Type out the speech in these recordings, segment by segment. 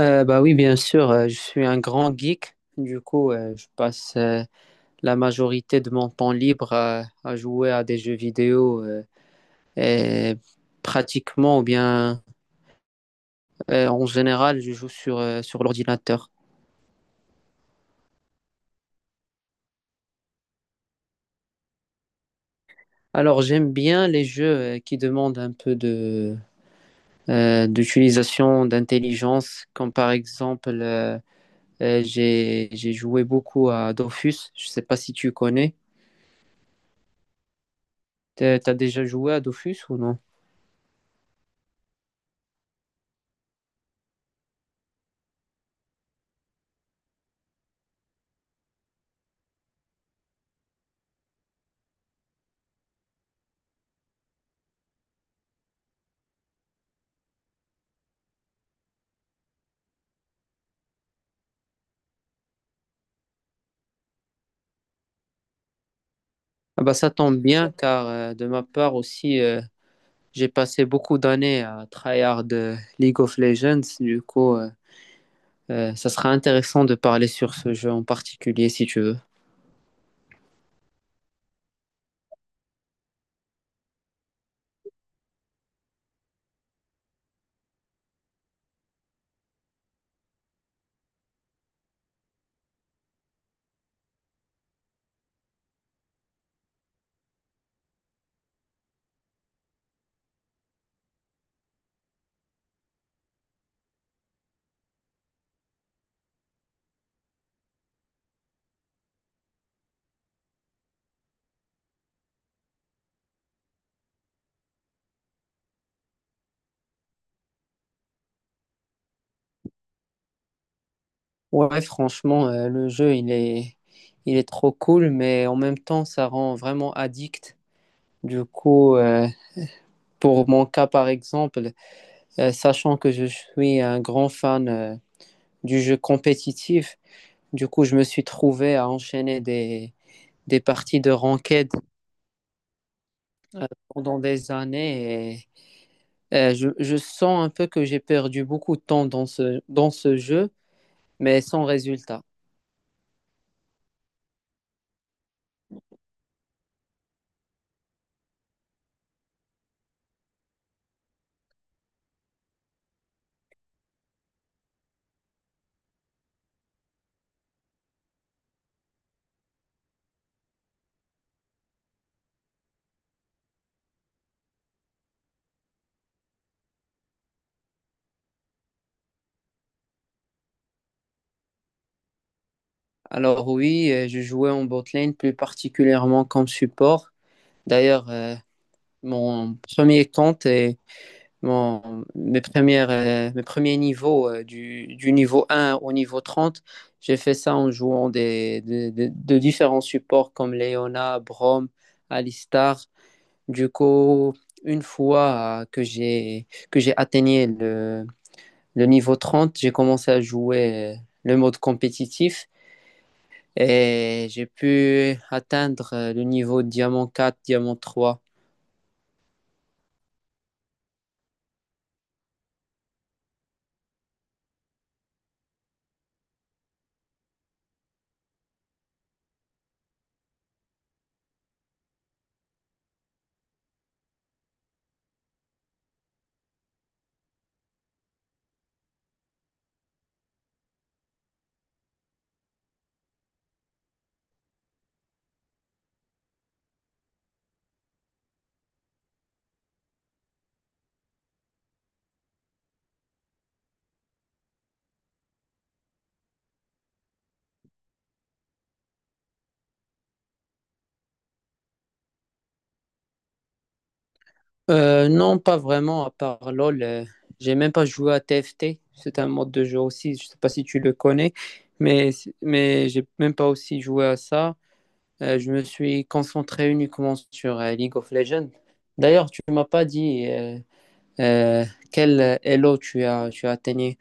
Bah oui, bien sûr, je suis un grand geek. Du coup, je passe la majorité de mon temps libre à jouer à des jeux vidéo. Et pratiquement, ou bien en général, je joue sur l'ordinateur. Alors, j'aime bien les jeux qui demandent un peu d'utilisation d'intelligence, comme par exemple, j'ai joué beaucoup à Dofus. Je ne sais pas si tu connais. T'as déjà joué à Dofus ou non? Ah bah ça tombe bien car de ma part aussi, j'ai passé beaucoup d'années à tryhard de League of Legends. Du coup, ça sera intéressant de parler sur ce jeu en particulier si tu veux. Ouais, franchement, le jeu, il est trop cool, mais en même temps, ça rend vraiment addict. Du coup, pour mon cas, par exemple, sachant que je suis un grand fan du jeu compétitif. Du coup, je me suis trouvé à enchaîner des parties de ranked pendant des années et je sens un peu que j'ai perdu beaucoup de temps dans ce jeu, mais sans résultat. Alors oui, je jouais en botlane, plus particulièrement comme support. D'ailleurs, mon premier compte est. Mes premiers niveaux, du niveau un au niveau 30, j'ai fait ça en jouant de différents supports comme Leona, Brom, Alistar. Du coup, une fois que j'ai atteigné le niveau 30. J'ai commencé à jouer le mode compétitif et j'ai pu atteindre le niveau diamant quatre, diamant trois. Non, pas vraiment, à part LoL. J'ai même pas joué à TFT. C'est un mode de jeu aussi. Je sais pas si tu le connais, mais, mais j'ai même pas aussi joué à ça. Je me suis concentré uniquement sur League of Legends. D'ailleurs, tu m'as pas dit euh, quel Elo tu as atteigné.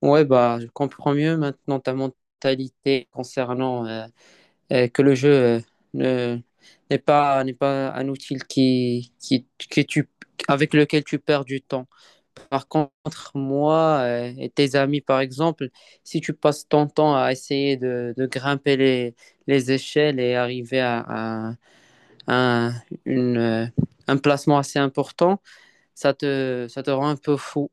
Ouais, bah, je comprends mieux maintenant ta mentalité concernant que le jeu ne- n'est pas un outil avec lequel tu perds du temps. Par contre, moi et tes amis, par exemple, si tu passes ton temps à essayer de grimper les échelles et arriver à un, une, euh, un placement assez important, ça te rend un peu fou.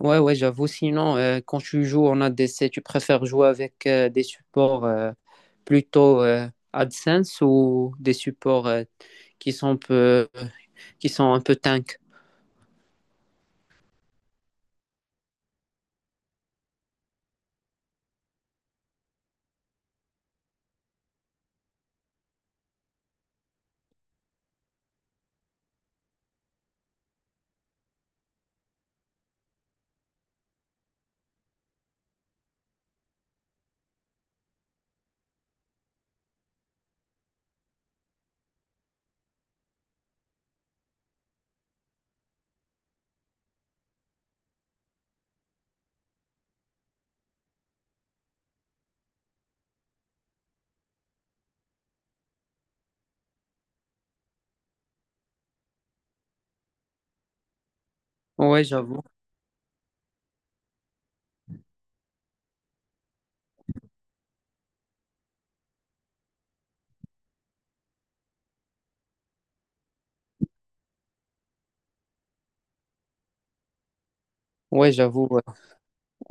Ouais, ouais, j'avoue. Sinon, quand tu joues en ADC, tu préfères jouer avec des supports plutôt AdSense ou des supports qui sont un peu, qui sont un peu tank? Ouais, j'avoue. Ouais, j'avoue, ouais.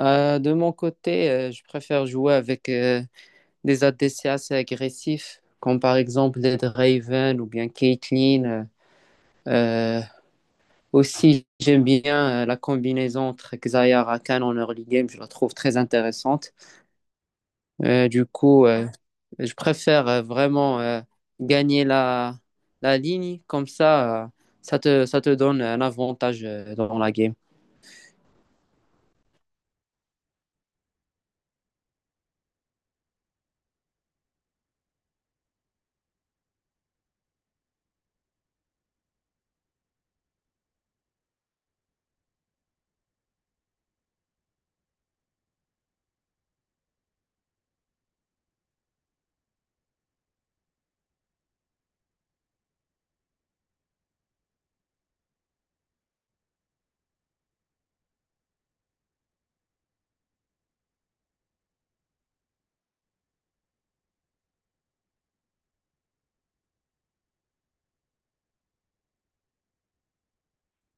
De mon côté, je préfère jouer avec des ADC assez agressifs, comme par exemple les Draven ou bien Caitlyn. Euh, euh, Aussi, j'aime bien la combinaison entre Xayah et Rakan en early game. Je la trouve très intéressante. Du coup, je préfère vraiment gagner la ligne, comme ça, ça te donne un avantage dans la game.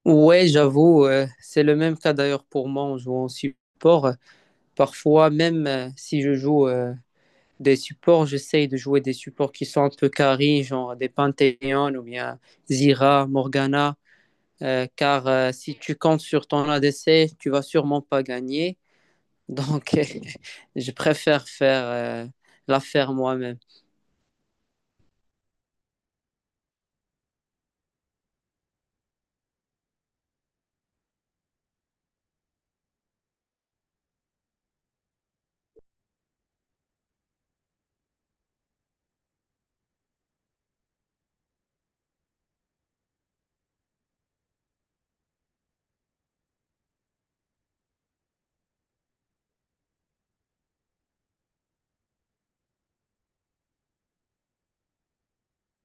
Ouais, j'avoue, c'est le même cas d'ailleurs pour moi en jouant en support. Parfois, même si je joue des supports, j'essaye de jouer des supports qui sont un peu carry, genre des Panthéon ou bien Zira, Morgana, car si tu comptes sur ton ADC, tu vas sûrement pas gagner. Donc, je préfère faire la faire moi-même.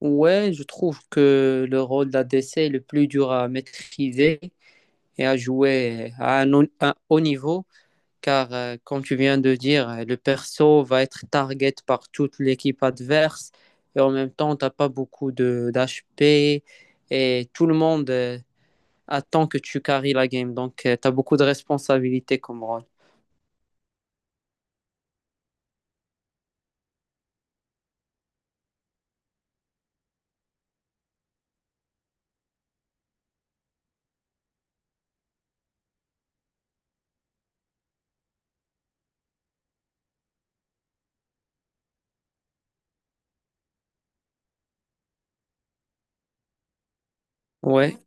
Ouais, je trouve que le rôle d'ADC est le plus dur à maîtriser et à jouer à un haut niveau, car comme tu viens de dire, le perso va être target par toute l'équipe adverse et en même temps, tu n'as pas beaucoup de d'HP et tout le monde attend que tu carries la game. Donc, tu as beaucoup de responsabilités comme rôle. Ouais.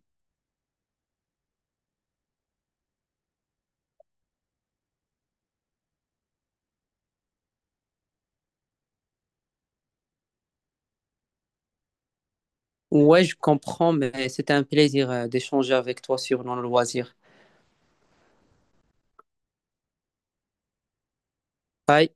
Ouais, je comprends, mais c'était un plaisir d'échanger avec toi sur nos loisirs. Bye.